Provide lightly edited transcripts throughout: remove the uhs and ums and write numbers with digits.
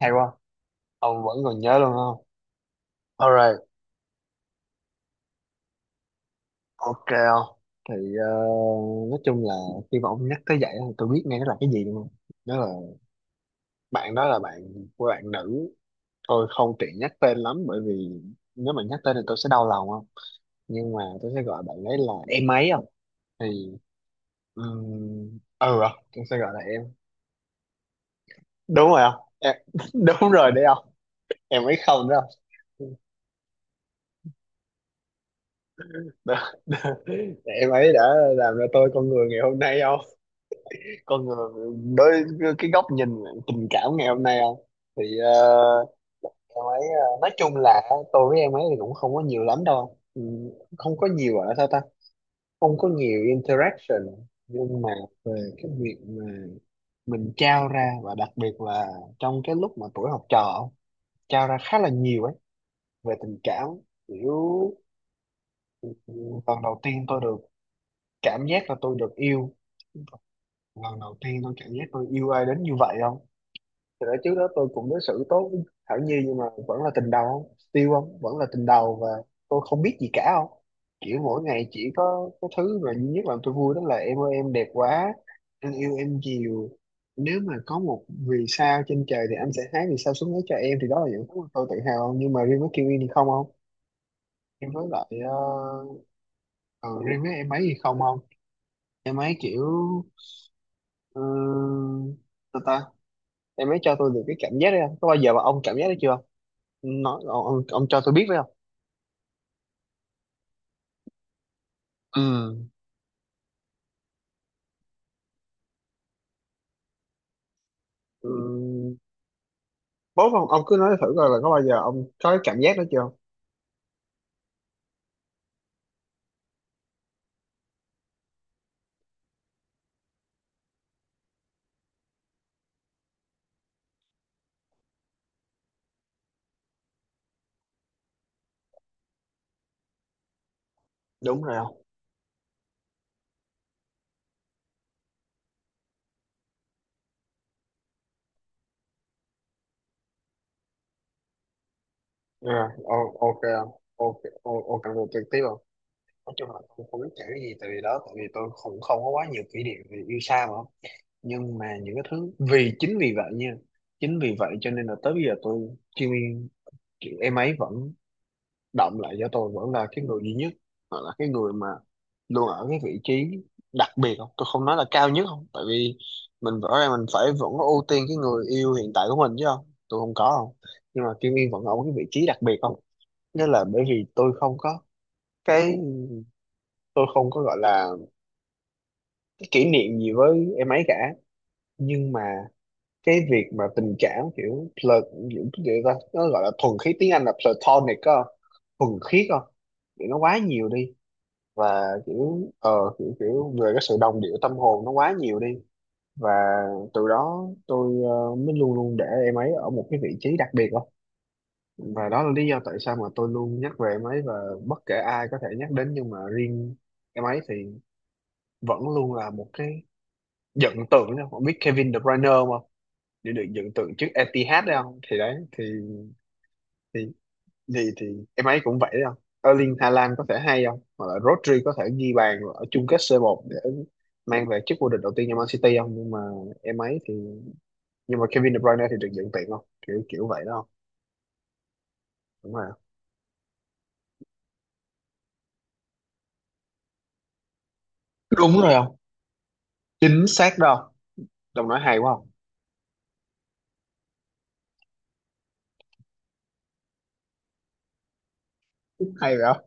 Hay quá. Ông vẫn còn nhớ luôn không? Alright. Ok không. Thì nói chung là khi mà ông nhắc tới vậy thì tôi biết ngay nó là cái gì luôn. Đó là bạn, đó là bạn của bạn nữ. Tôi không tiện nhắc tên lắm bởi vì nếu mà nhắc tên thì tôi sẽ đau lòng không. Nhưng mà tôi sẽ gọi bạn ấy là em ấy không. Thì ừ không? Tôi sẽ gọi là em. Đúng rồi không em, đúng rồi đấy không. Em ấy không đó không? Đó- Đó. Em ấy đã làm ra tôi con người ngày hôm nay không? Con người đối, cái góc nhìn tình cảm ngày hôm nay không. Thì em ấy nói chung là tôi với em ấy thì cũng không có nhiều lắm đâu, ừ, không có nhiều ở sao ta, không có nhiều interaction. Nhưng mà về cái việc mà mình trao ra, và đặc biệt là trong cái lúc mà tuổi học trò trao ra khá là nhiều ấy, về tình cảm kiểu ừ, lần đầu tiên tôi được cảm giác là tôi được yêu, lần đầu tiên tôi cảm giác tôi yêu ai đến như vậy không. Thì đó trước đó tôi cũng đối xử tốt với Thảo Nhi, nhưng mà vẫn là tình đầu không? Still không? Vẫn là tình đầu, và tôi không biết gì cả không? Kiểu mỗi ngày chỉ có cái thứ mà duy nhất làm tôi vui đó là em ơi em đẹp quá, anh yêu em nhiều. Nếu mà có một vì sao trên trời thì anh sẽ hái vì sao xuống lấy cho em, thì đó là những thứ mà tôi tự hào không. Nhưng mà riêng với Kiwi thì không không. Riêng với lại ờ, riêng với em ấy thì không không. Em ấy kiểu uh, ta ta em ấy cho tôi được cái cảm giác đấy không? Có bao giờ mà ông cảm giác đấy chưa, nói ông, ông cho tôi biết phải không. Ừ. Ừ, bố ông cứ nói thử coi là có bao giờ ông có cái cảm giác đó chưa. Đúng rồi không. Ok không? Ok. Ok được trực tiếp không. Nói chung là không, không biết kể cái gì tại vì đó, tại vì tôi cũng không có quá nhiều kỷ niệm về yêu xa mà không. Nhưng mà những cái thứ, vì chính vì vậy nha, chính vì vậy cho nên là tới bây giờ tôi chuyên, em ấy vẫn động lại cho tôi, vẫn là cái người duy nhất hoặc là cái người mà luôn ở cái vị trí đặc biệt không. Tôi không nói là cao nhất không tại vì mình rõ ràng mình phải vẫn ưu tiên cái người yêu hiện tại của mình chứ không, tôi không có không. Nhưng mà Kim Yên vẫn ở cái vị trí đặc biệt không. Nghĩa là bởi vì tôi không có cái, tôi không có gọi là cái kỷ niệm gì với em ấy cả. Nhưng mà cái việc mà tình cảm kiểu plat, kiểu cái gì ta, nó gọi là thuần khiết, tiếng Anh là platonic á, thuần khiết không, thì nó quá nhiều đi. Và kiểu ờ kiểu kiểu về cái sự đồng điệu tâm hồn nó quá nhiều đi. Và từ đó tôi mới luôn luôn để em ấy ở một cái vị trí đặc biệt đó. Và đó là lý do tại sao mà tôi luôn nhắc về em ấy. Và bất kể ai có thể nhắc đến nhưng mà riêng em ấy thì vẫn luôn là một cái dựng tượng đó, không biết Kevin De Bruyne không, để được dựng tượng trước Etihad đấy không, thì đấy thì thì gì thì em ấy cũng vậy đó. Erling Haaland có thể hay không, hoặc là Rodri có thể ghi bàn ở chung kết C1 để mang về chức vô địch đầu tiên cho Man City không, nhưng mà em ấy thì, nhưng mà Kevin De Bruyne thì được nhận tiền không, kiểu kiểu vậy đó không. Đúng rồi không? Đúng rồi không, chính xác đó không, đồng nói hay quá không. Hay rồi không.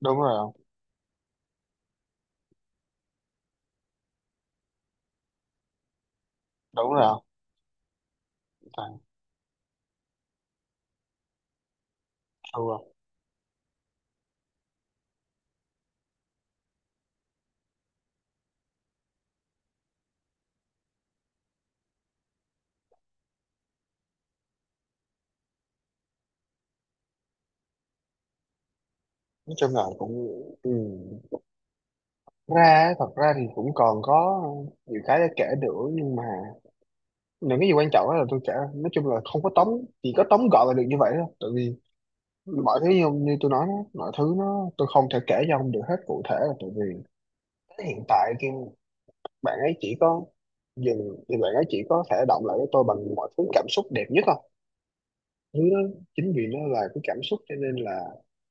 Đúng rồi không. Đúng rồi không, toàn true không. Nói chung là cũng ừ. Ra, thật ra thì cũng còn có nhiều cái để kể nữa, nhưng mà những cái gì quan trọng á là tôi chả, nói chung là không có tóm, chỉ có tóm gọn là được như vậy thôi. Tại vì mọi thứ như, tôi nói đó, mọi thứ nó, tôi không thể kể cho ông được hết cụ thể là tại vì tới hiện tại khi bạn ấy chỉ có dừng, thì bạn ấy chỉ có thể động lại với tôi bằng mọi thứ cảm xúc đẹp nhất không, thứ đó. Chính vì nó là cái cảm xúc cho nên là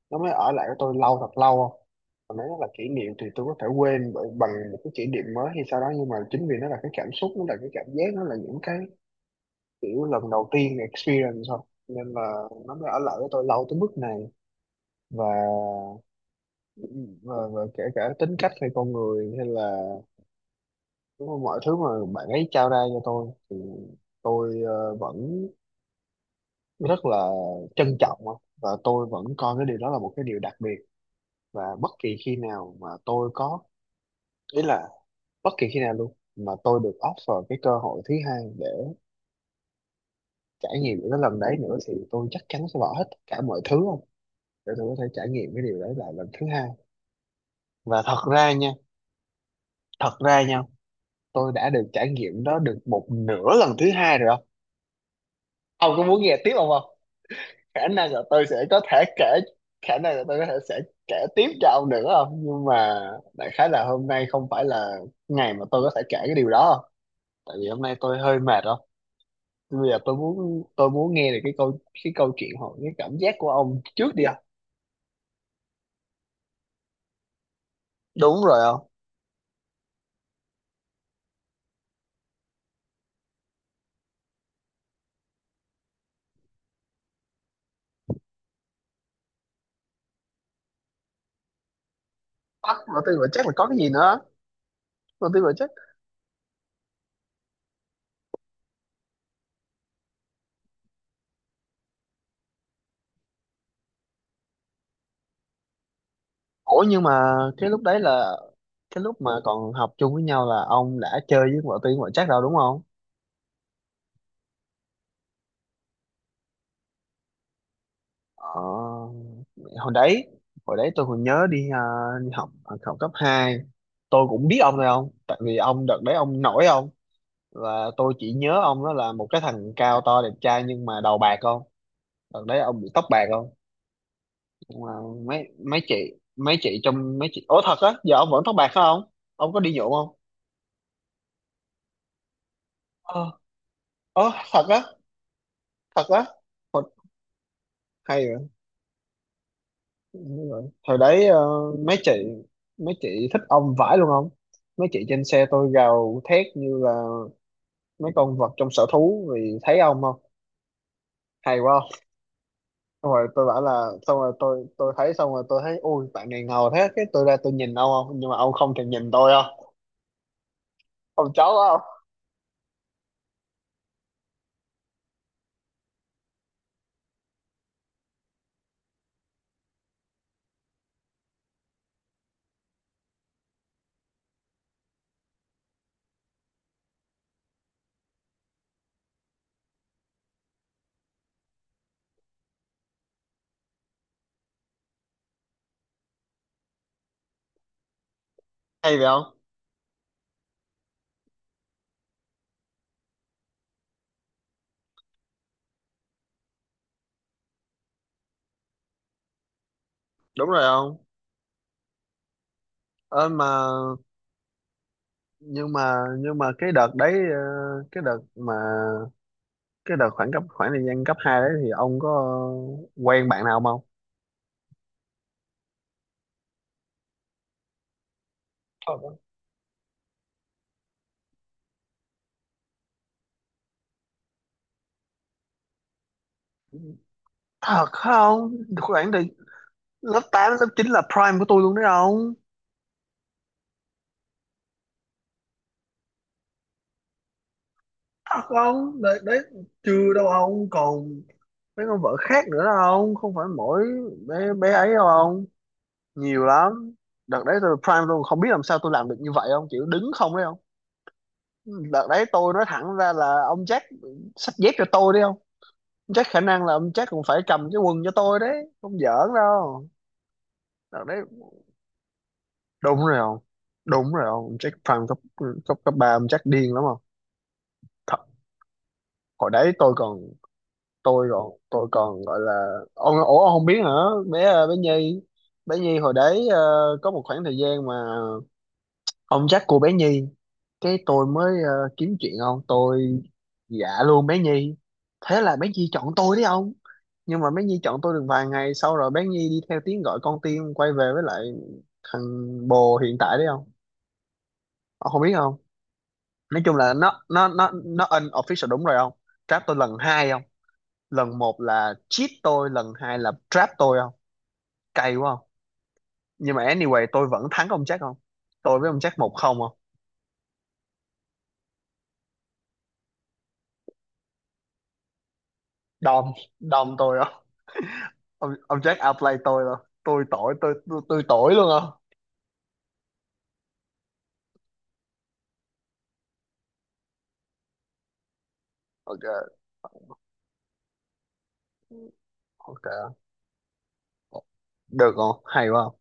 nó mới ở lại với tôi lâu thật lâu không. Còn nếu nó là kỷ niệm thì tôi có thể quên bằng một cái kỷ niệm mới hay sau đó. Nhưng mà chính vì nó là cái cảm xúc, nó là cái cảm giác, nó là những cái kiểu lần đầu tiên experience thôi, nên là nó mới ở lại với tôi lâu tới mức này. và và, kể cả tính cách hay con người hay là, đúng không, mọi thứ mà bạn ấy trao ra cho tôi thì tôi vẫn rất là trân trọng á. Và tôi vẫn coi cái điều đó là một cái điều đặc biệt. Và bất kỳ khi nào mà tôi có, ý là bất kỳ khi nào luôn mà tôi được offer cái cơ hội thứ hai để trải nghiệm những cái lần đấy nữa, thì tôi chắc chắn sẽ bỏ hết tất cả mọi thứ để tôi có thể trải nghiệm cái điều đấy lại lần thứ hai. Và thật ra nha, thật ra nha, tôi đã được trải nghiệm đó được một nửa lần thứ hai rồi không. Ông có muốn nghe tiếp không không? Khả năng là tôi sẽ có thể kể, khả năng là tôi có thể sẽ kể tiếp cho ông nữa không. Nhưng mà đại khái là hôm nay không phải là ngày mà tôi có thể kể cái điều đó không. Tại vì hôm nay tôi hơi mệt rồi. Bây giờ tôi muốn, muốn nghe được cái câu, cái câu chuyện hoặc cái cảm giác của ông trước đi không. Đúng rồi không. Bắt mà tôi mà chắc là có cái gì nữa, mà tôi mà chắc. Ủa nhưng mà cái lúc đấy là cái lúc mà còn học chung với nhau là ông đã chơi với vợ Tiên vợ Trác rồi đúng không? Ờ, hồi đấy, hồi đấy tôi còn nhớ đi, à, đi học, học cấp 2 tôi cũng biết ông rồi không? Tại vì ông đợt đấy ông nổi không? Và tôi chỉ nhớ ông đó là một cái thằng cao to đẹp trai nhưng mà đầu bạc không? Đợt đấy ông bị tóc bạc không? Nhưng mà mấy mấy chị trong mấy chị. Ủa thật á, giờ ông vẫn tóc bạc phải không? Ông có đi nhuộm không? Ờ, ờ thật á, thật á. Ủa, hay. Đúng rồi. Thời đấy mấy chị, mấy chị thích ông vãi luôn không? Mấy chị trên xe tôi gào thét như là mấy con vật trong sở thú vì thấy ông không? Hay quá không? Xong rồi tôi bảo là xong rồi tôi, thấy xong rồi tôi thấy ui bạn này ngầu thế, cái tôi ra tôi nhìn ông không, nhưng mà ông không thèm nhìn tôi không? Ông chó quá không? Hay vậy không? Đúng rồi không? Ơ mà, nhưng mà cái đợt đấy cái đợt mà, cái đợt khoảng cấp, khoảng thời gian cấp 2 đấy thì ông có quen bạn nào không? Ờ, thật không. Khoảng thì lớp 8 lớp 9 là prime của tôi luôn đấy ông. Thật không đấy, đấy chưa đâu ông, còn mấy con vợ khác nữa đâu ông, không phải mỗi bé, bé ấy đâu ông, nhiều lắm. Đợt đấy tôi prime luôn không biết làm sao tôi làm được như vậy ông, kiểu đứng không đấy ông. Đợt đấy tôi nói thẳng ra là ông Jack xách dép cho tôi đi không. Ông Jack khả năng là ông Jack cũng phải cầm cái quần cho tôi đấy, không giỡn đâu. Đợt đấy đúng rồi không, đúng rồi không, ông Jack prime cấp, cấp ba ông Jack điên lắm không. Hồi đấy tôi còn, tôi còn gọi là ông, ủa ông không biết hả? Bé bé Nhi, bé Nhi hồi đấy có một khoảng thời gian mà ông dắt cô bé Nhi, cái tôi mới kiếm chuyện ông, tôi dạ luôn bé Nhi, thế là bé Nhi chọn tôi đấy ông. Nhưng mà bé Nhi chọn tôi được vài ngày sau rồi bé Nhi đi theo tiếng gọi con tim quay về với lại thằng bồ hiện tại đấy không, ông không biết không. Nói chung là nó unofficial, đúng rồi không. Trap tôi lần hai không, lần một là cheat tôi, lần hai là trap tôi không, cay quá không. Nhưng mà anyway tôi vẫn thắng ông Jack không, tôi với ông Jack một không không. Đom Đom tôi không. Ông, Jack outplay tôi không, tôi tội tôi, tôi tội luôn không. Ok. Ok được không, hay quá không.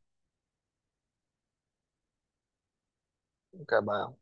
Ok bye.